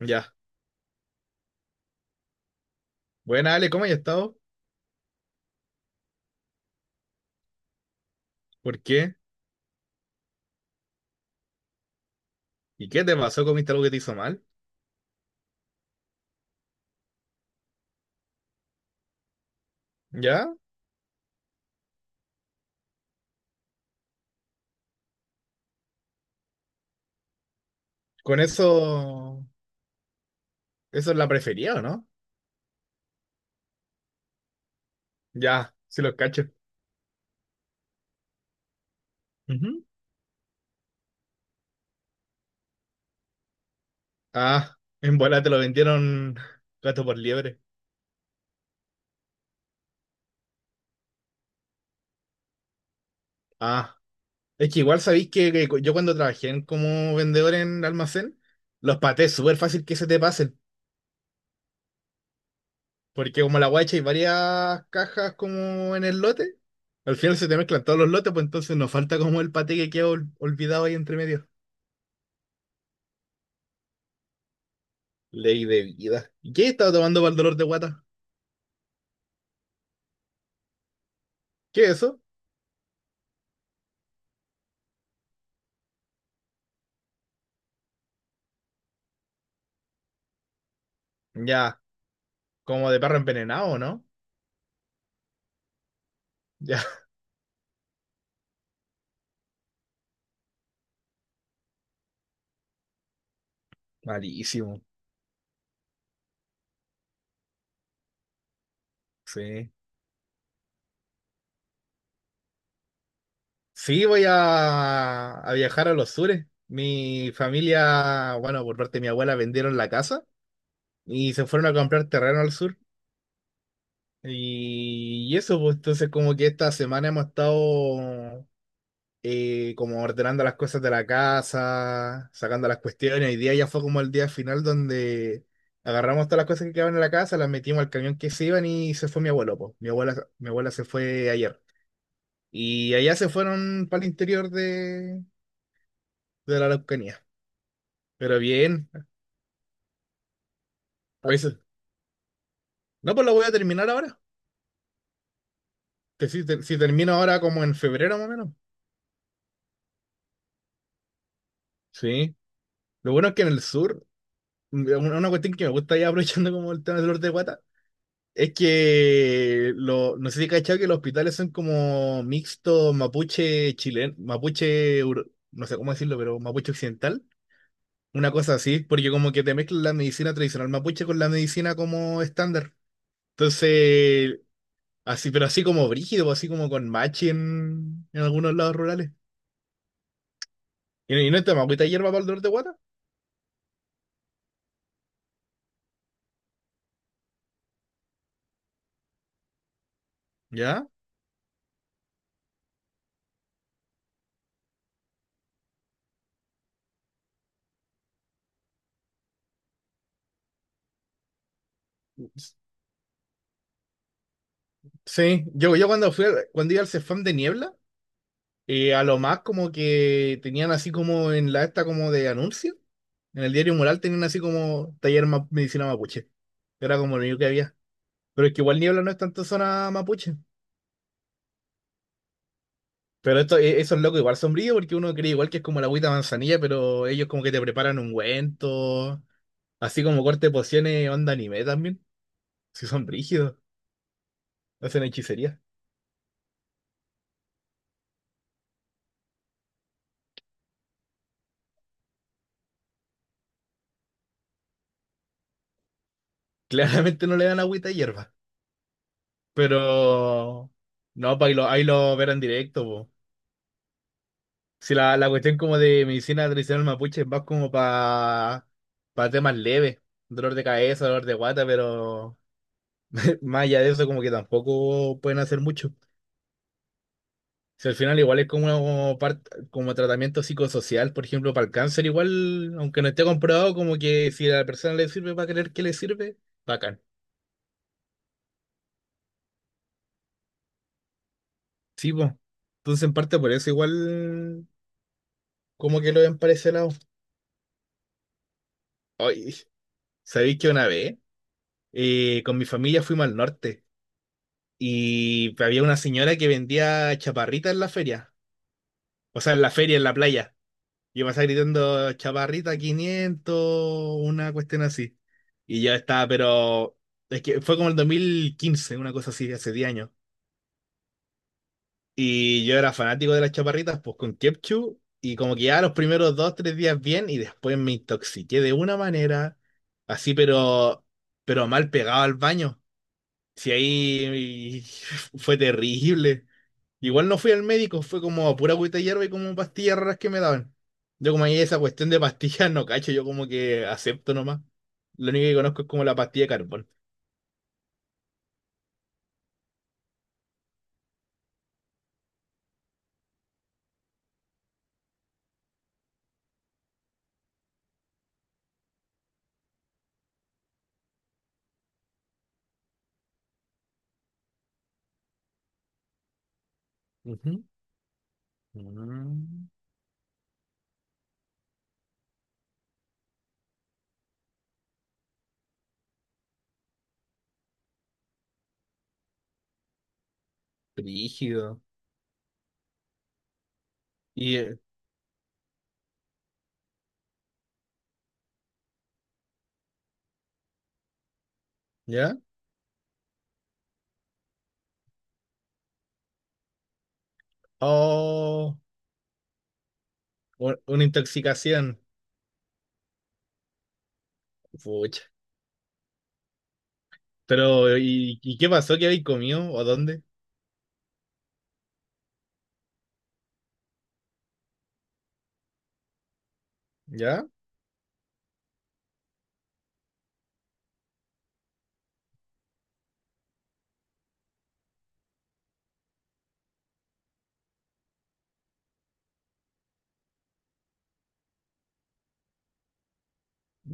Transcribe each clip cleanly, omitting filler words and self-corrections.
Ya. Buena, Ale, ¿cómo has estado? ¿Por qué? ¿Y qué te pasó? ¿Comiste algo que te hizo mal? ¿Ya? Con eso. Eso es la preferida, ¿o no? Ya, sí los cacho. Ujú. Ah, en bola te lo vendieron gato por liebre. Ah, es que igual sabéis que yo cuando trabajé como vendedor en almacén, los patés súper fácil que se te pasen. Porque como la guacha hay varias cajas como en el lote, al final se te mezclan todos los lotes, pues entonces nos falta como el paté que queda olvidado ahí entre medio. Ley de vida. ¿Y qué estaba tomando para el dolor de guata? ¿Qué es eso? Ya, como de perro envenenado, ¿no? Ya, malísimo. Sí. Sí, voy a viajar a los sures. Mi familia, bueno, por parte de mi abuela, vendieron la casa y se fueron a comprar terreno al sur. Y eso, pues entonces como que esta semana hemos estado como ordenando las cosas de la casa, sacando las cuestiones. Hoy día ya fue como el día final donde agarramos todas las cosas que quedaban en la casa, las metimos al camión que se iban y se fue mi abuelo, po. Mi abuela se fue ayer. Y allá se fueron para el interior de la Araucanía. Pero bien, pues. No, pues lo voy a terminar ahora. Que si, si termino ahora como en febrero más o menos. Sí. Lo bueno es que en el sur, una cuestión que me gusta ya aprovechando como el tema del norte de Guata, es que lo, no sé si cachado que los hospitales son como mixto mapuche chileno, mapuche, no sé cómo decirlo, pero mapuche occidental. Una cosa así, porque como que te mezclan la medicina tradicional mapuche con la medicina como estándar. Entonces, así, pero así como brígido, pues, así como con machi en algunos lados rurales. Y no está mapuita hierba para el dolor de guata, ¿ya? Sí, yo cuando fui, cuando iba al Cefam de Niebla, a lo más como que tenían así como en la esta como de anuncio. En el diario Mural tenían así como taller medicina mapuche. Era como lo único que había. Pero es que igual Niebla no es tanto zona mapuche. Pero esto, esos locos igual sombrío porque uno cree igual que es como la agüita de manzanilla, pero ellos como que te preparan ungüento, así como corte de pociones, onda anime también. Si son brígidos, hacen hechicería. Claramente no le dan agüita de hierba. Pero no, pues ahí lo verán directo, po. Si la, la cuestión como de medicina tradicional mapuche va como para temas leves, dolor de cabeza, dolor de guata, pero más allá de eso como que tampoco pueden hacer mucho. Si al final igual es como, una parte, como tratamiento psicosocial, por ejemplo, para el cáncer igual, aunque no esté comprobado, como que si a la persona le sirve, va a creer que le sirve, bacán. Sí, pues. Entonces en parte por eso igual como que lo ven para ese lado. Ay, ¿sabéis que una vez con mi familia fuimos al norte? Y había una señora que vendía chaparritas en la feria. O sea, en la feria, en la playa. Yo pasaba gritando chaparrita 500, una cuestión así. Y yo estaba, pero es que fue como el 2015, una cosa así, hace 10 años. Y yo era fanático de las chaparritas, pues con Kepchu. Y como que ya los primeros dos, 3 días bien, y después me intoxiqué de una manera, así, pero mal pegado al baño. Si ahí fue terrible. Igual no fui al médico, fue como pura agüita de hierba y como pastillas raras que me daban. Yo como ahí esa cuestión de pastillas no cacho, yo como que acepto nomás. Lo único que conozco es como la pastilla de carbón. Ujú. Mm, brígido. ¿Y ya? Oh, una intoxicación. Pucha. Pero, y qué pasó? ¿Qué habéis comido? ¿O dónde? ¿Ya?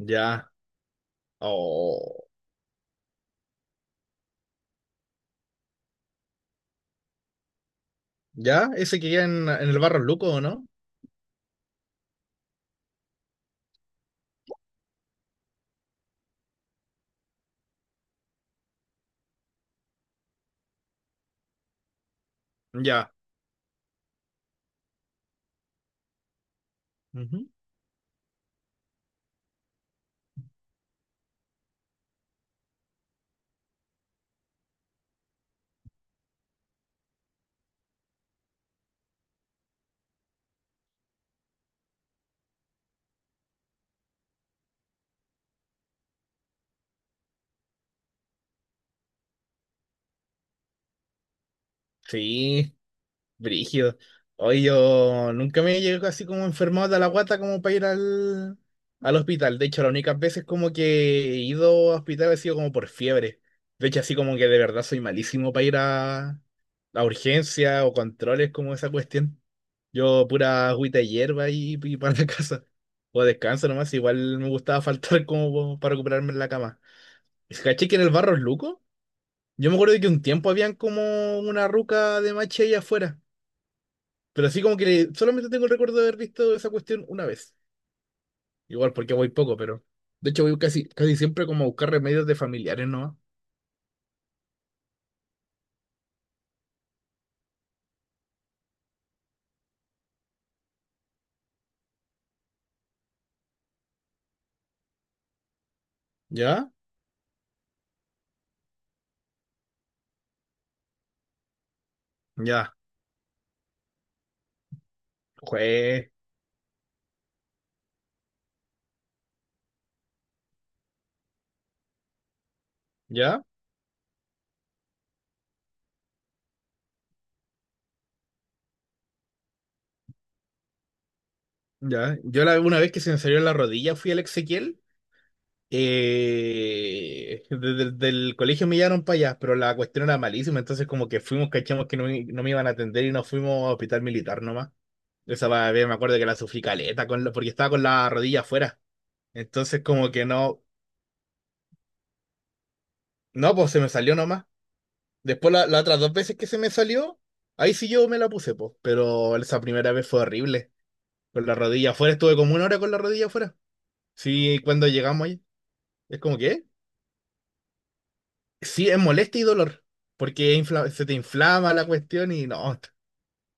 Ya. Oh. ¿Ya? ¿Ese que queda en el Barro Luco o no? Ya. Ujú. Sí. Brígido. Hoy yo nunca me llego así como enfermado de la guata como para ir al, al hospital. De hecho, las únicas veces como que he ido a hospital ha sido como por fiebre. De hecho, así como que de verdad soy malísimo para ir a urgencia o controles como esa cuestión. Yo pura agüita de hierba y para la casa. O descanso nomás, igual me gustaba faltar como para recuperarme en la cama. ¿Caché que en el barro es luco? Yo me acuerdo de que un tiempo habían como una ruca de mache ahí afuera. Pero así como que solamente tengo el recuerdo de haber visto esa cuestión una vez. Igual porque voy poco, pero. De hecho, voy casi, casi siempre como a buscar remedios de familiares nomás. ¿Ya? Ya. Jue. ¿Ya? Ya. Yo la, una vez que se me salió la rodilla fui al Ezequiel. Desde el del colegio me llevaron para allá, pero la cuestión era malísima, entonces como que fuimos, cachamos que no, no me iban a atender y nos fuimos a hospital militar nomás. Esa me acuerdo que la sufrí caleta con porque estaba con la rodilla afuera. Entonces como que no, no, pues se me salió nomás. Después las otras dos veces que se me salió, ahí sí yo me la puse, pues. Pero esa primera vez fue horrible. Con la rodilla afuera, estuve como una hora con la rodilla afuera. Sí, cuando llegamos ahí, es como que, sí, es molestia y dolor. Porque se te inflama la cuestión y no,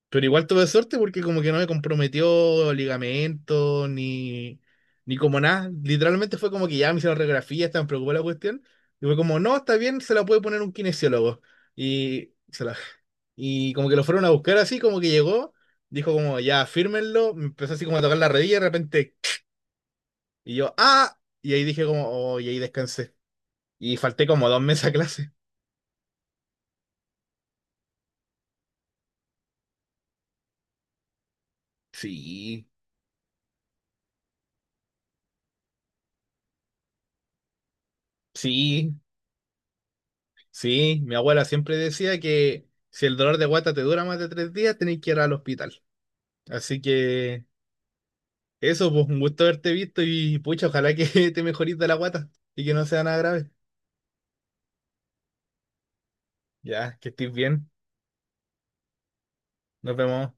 pero igual tuve suerte porque como que no me comprometió ligamento ni, ni como nada. Literalmente fue como que ya me hicieron radiografía, estaban preocupada la cuestión. Y fue como, no, está bien, se la puede poner un kinesiólogo. Y, se la, y como que lo fueron a buscar así, como que llegó, dijo como, ya, fírmenlo. Me empezó así como a tocar la rodilla y de repente, y yo, ah, y ahí dije como, oh, y ahí descansé. Y falté como 2 meses a clase. Sí, sí. Sí, mi abuela siempre decía que si el dolor de guata te dura más de 3 días, tenés que ir al hospital. Así que eso, pues un gusto haberte visto y pucha, ojalá que te mejorís de la guata y que no sea nada grave. Ya, que estés bien. Nos vemos.